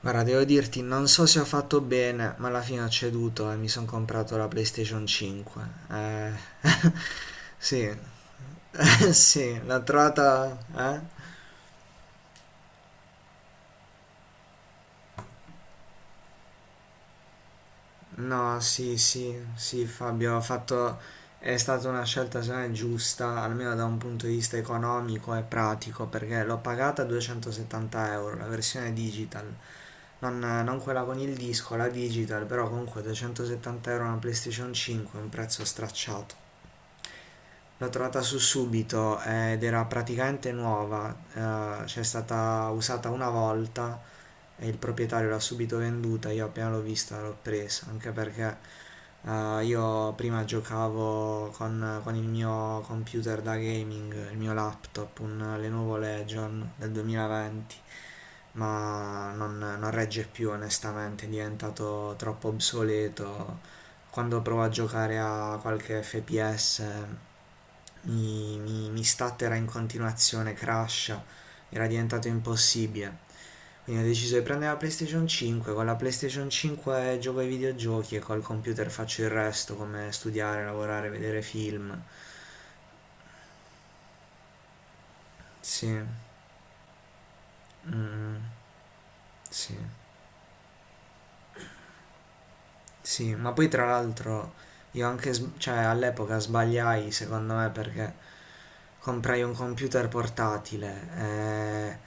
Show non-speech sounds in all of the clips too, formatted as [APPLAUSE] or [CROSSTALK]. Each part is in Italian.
Guarda, devo dirti, non so se ho fatto bene, ma alla fine ho ceduto e mi sono comprato la PlayStation 5. [LAUGHS] Sì, [LAUGHS] sì, l'ho trovata. Eh? No, sì, sì, sì, Fabio, ho fatto... È stata una scelta, secondo me, giusta, almeno da un punto di vista economico e pratico, perché l'ho pagata 270 euro, la versione digital. Non quella con il disco, la digital, però comunque 270 euro una PlayStation 5 è un prezzo stracciato. L'ho trovata su Subito, ed era praticamente nuova, c'è stata usata una volta e il proprietario l'ha subito venduta. Io appena l'ho vista l'ho presa, anche perché io prima giocavo con il mio computer da gaming, il mio laptop, un Lenovo Legion del 2020, ma non regge più onestamente, è diventato troppo obsoleto. Quando provo a giocare a qualche FPS mi statterà in continuazione, crasha, era diventato impossibile. Quindi ho deciso di prendere la PlayStation 5. Con la PlayStation 5 gioco ai videogiochi e col computer faccio il resto, come studiare, lavorare, vedere film. Sì, mm, sì. Sì, ma poi tra l'altro io anche, cioè all'epoca sbagliai secondo me perché comprai un computer portatile, eh,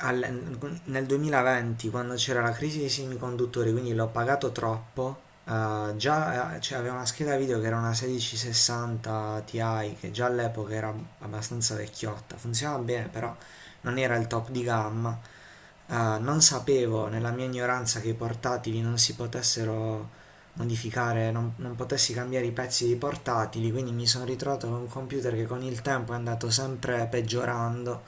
al- nel 2020 quando c'era la crisi dei semiconduttori, quindi l'ho pagato troppo. Già, cioè, avevo una scheda video che era una 1660 Ti che già all'epoca era abbastanza vecchiotta, funzionava bene però non era il top di gamma. Ah, non sapevo nella mia ignoranza che i portatili non si potessero modificare, non potessi cambiare i pezzi dei portatili, quindi mi sono ritrovato con un computer che con il tempo è andato sempre peggiorando,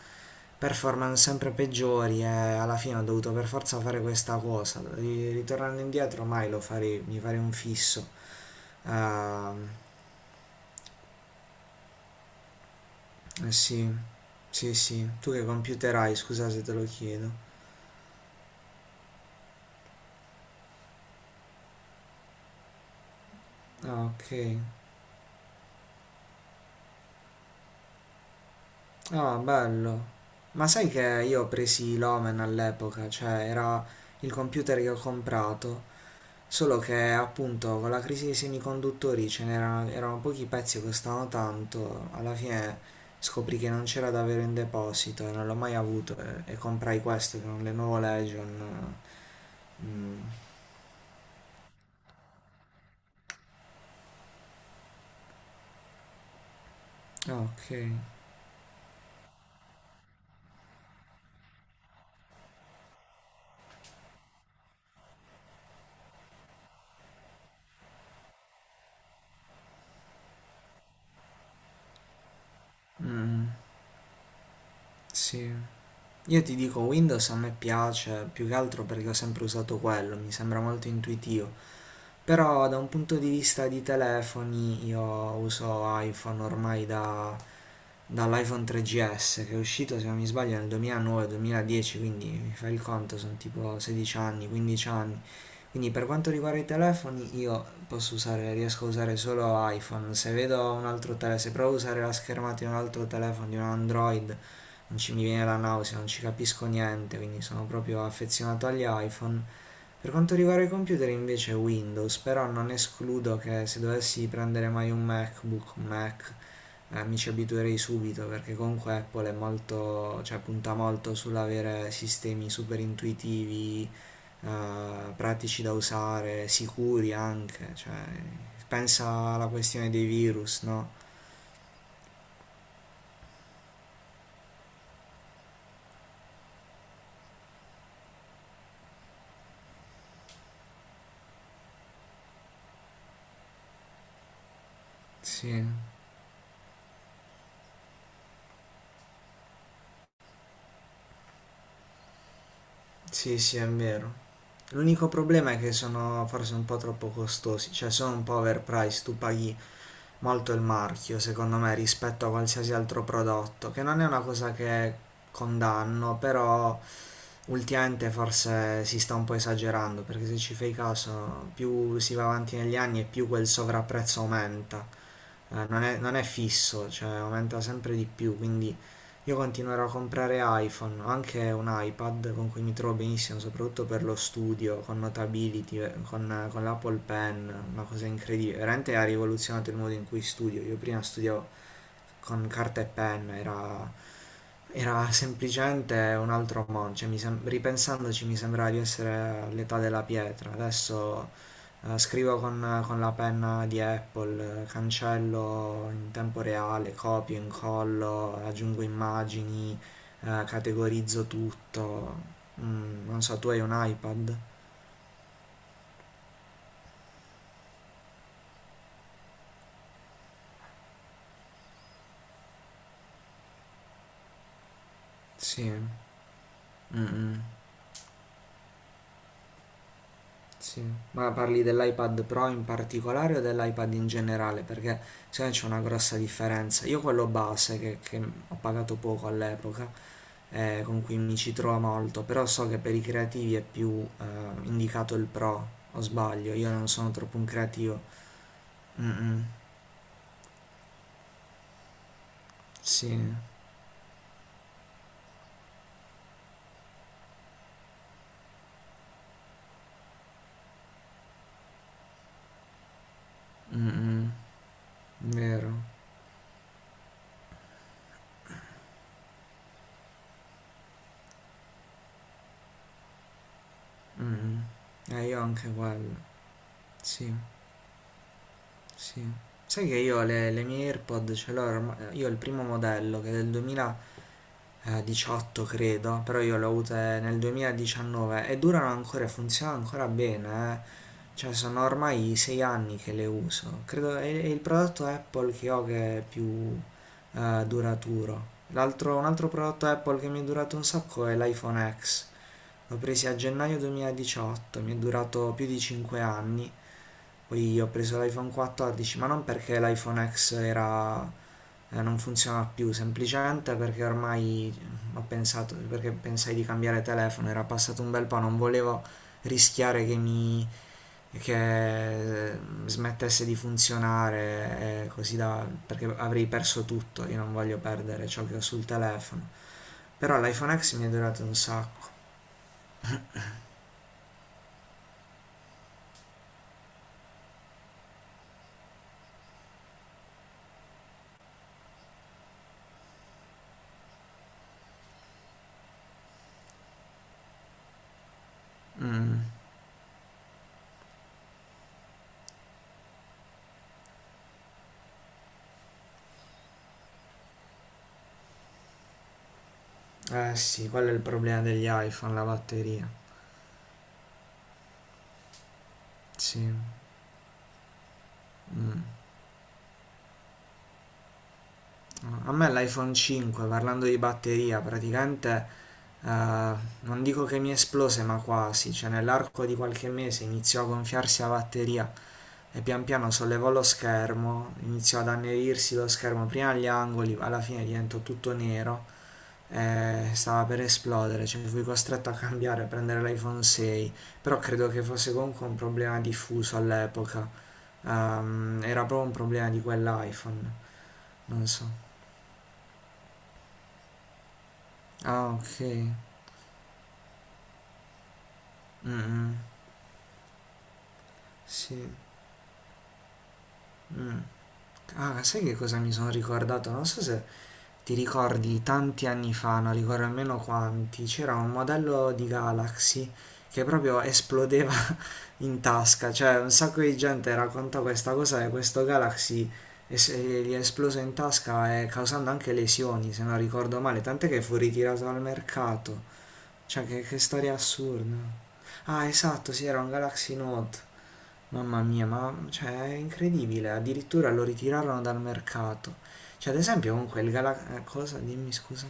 performance sempre peggiori e alla fine ho dovuto per forza fare questa cosa. Ritornando indietro mai lo farei, mi farei un fisso. Ah, eh sì, sì, sì. Tu che computer hai? Scusa se te lo chiedo. Ah, ok. Ah, bello. Ma sai che io ho presi l'Omen all'epoca, cioè era il computer che ho comprato, solo che appunto con la crisi dei semiconduttori ce n'erano erano pochi pezzi che costavano tanto, alla fine scoprì che non c'era davvero in deposito e non l'ho mai avuto e comprai questo che è un Lenovo Legion. Mm. Ah, ok. Mm, sì. Io ti dico, Windows a me piace più che altro perché ho sempre usato quello, mi sembra molto intuitivo. Però da un punto di vista di telefoni io uso iPhone ormai da, dall'iPhone 3GS che è uscito se non mi sbaglio nel 2009-2010, quindi mi fai il conto, sono tipo 16 anni, 15 anni. Quindi per quanto riguarda i telefoni io posso usare, riesco a usare solo iPhone. Se vedo un altro telefono, se provo a usare la schermata di un altro telefono, di un Android, non ci mi viene la nausea, non ci capisco niente, quindi sono proprio affezionato agli iPhone. Per quanto riguarda i computer invece Windows, però non escludo che se dovessi prendere mai un MacBook, un Mac, mi ci abituerei subito perché comunque Apple è molto, cioè punta molto sull'avere sistemi super intuitivi, pratici da usare, sicuri anche, cioè pensa alla questione dei virus, no? Sì, sì, sì, è vero. L'unico problema è che sono forse un po' troppo costosi, cioè sono un po' overpriced, tu paghi molto il marchio, secondo me, rispetto a qualsiasi altro prodotto, che non è una cosa che condanno, però ultimamente forse si sta un po' esagerando, perché se ci fai caso, più si va avanti negli anni e più quel sovrapprezzo aumenta. Non è fisso, cioè aumenta sempre di più, quindi io continuerò a comprare iPhone, ho anche un iPad con cui mi trovo benissimo, soprattutto per lo studio, con Notability, con l'Apple Pen, una cosa incredibile, veramente ha rivoluzionato il modo in cui studio. Io prima studiavo con carta e penna, era semplicemente un altro mondo, cioè, ripensandoci mi sembrava di essere all'età della pietra. Adesso scrivo con la penna di Apple, cancello in tempo reale, copio, incollo, aggiungo immagini, categorizzo tutto. Mm, non so, tu hai un iPad? Sì. Mm, mm. Sì, ma parli dell'iPad Pro in particolare o dell'iPad in generale? Perché secondo me c'è una grossa differenza. Io quello base, che ho pagato poco all'epoca, con cui mi ci trovo molto, però so che per i creativi è più indicato il Pro, o sbaglio, io non sono troppo un creativo. Mm-mm, sì, mm-mm, vero. Mm-mm. Io anche quello, sì, sì. Sai che io le mie AirPod ce l'ho ormai, io ho il primo modello che è del 2000... 18 credo, però io le ho avute nel 2019 e durano ancora e funzionano ancora bene, eh. Cioè sono ormai 6 anni che le uso. Credo è il prodotto Apple che ho che è più duraturo. L'altro, un altro prodotto Apple che mi è durato un sacco è l'iPhone X. L'ho preso a gennaio 2018, mi è durato più di 5 anni. Poi ho preso l'iPhone 14, ma non perché l'iPhone X era, non funziona più, semplicemente perché ormai ho pensato, perché pensai di cambiare telefono, era passato un bel po', non volevo rischiare che smettesse di funzionare, perché avrei perso tutto, io non voglio perdere ciò che ho sul telefono. Però l'iPhone X mi è durato un sacco. Mm, eh sì, quello è il problema degli iPhone, la batteria. Sì. A me l'iPhone 5, parlando di batteria, praticamente... Eh, non dico che mi esplose, ma quasi, cioè nell'arco di qualche mese iniziò a gonfiarsi la batteria e pian piano sollevò lo schermo, iniziò ad annerirsi lo schermo prima agli angoli, alla fine diventò tutto nero e stava per esplodere, cioè fui costretto a cambiare, a prendere l'iPhone 6, però credo che fosse comunque un problema diffuso all'epoca. Era proprio un problema di quell'iPhone, non so. Ah, ok. Mm, mm. Sì. Mm. Ah, sai che cosa mi sono ricordato? Non so se ti ricordi tanti anni fa, non ricordo nemmeno quanti, c'era un modello di Galaxy che proprio esplodeva [LAUGHS] in tasca, cioè un sacco di gente racconta questa cosa che questo Galaxy gli è esploso in tasca e causando anche lesioni, se non ricordo male, tant'è che fu ritirato dal mercato. Cioè, che storia assurda. Ah, esatto, sì, era un Galaxy Note. Mamma mia, ma cioè, è incredibile, addirittura lo ritirarono dal mercato. Cioè, ad esempio, comunque il Galax... Cosa? Dimmi scusa.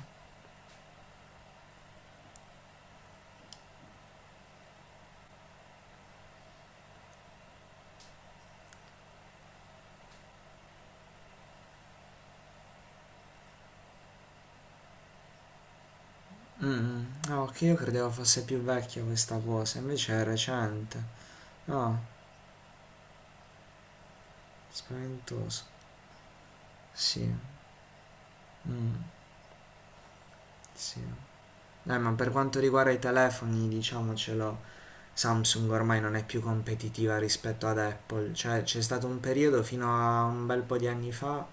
Mm, mm. No, che io credevo fosse più vecchia questa cosa, invece è recente. No, spaventoso. Sì, mm, sì. Ma per quanto riguarda i telefoni, diciamocelo, Samsung ormai non è più competitiva rispetto ad Apple. Cioè, c'è stato un periodo fino a un bel po' di anni fa,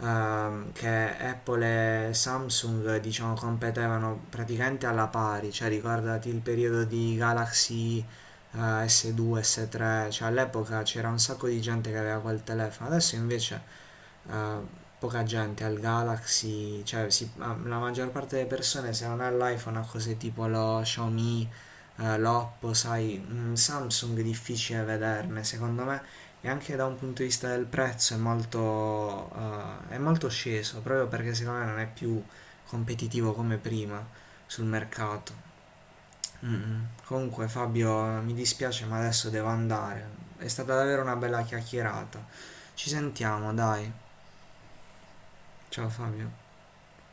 che Apple e Samsung diciamo competevano praticamente alla pari, cioè ricordati il periodo di Galaxy, eh, S2, S3, cioè all'epoca c'era un sacco di gente che aveva quel telefono, adesso invece eh, poca gente al Galaxy, cioè ah, la maggior parte delle persone se non ha l'iPhone ha cose tipo lo Xiaomi, l'Oppo, sai, un Samsung è difficile vederne, secondo me, e anche da un punto di vista del prezzo è molto sceso, proprio perché secondo me non è più competitivo come prima sul mercato. Mm, mm. Comunque Fabio, mi dispiace ma adesso devo andare. È stata davvero una bella chiacchierata. Ci sentiamo, dai. Ciao Fabio.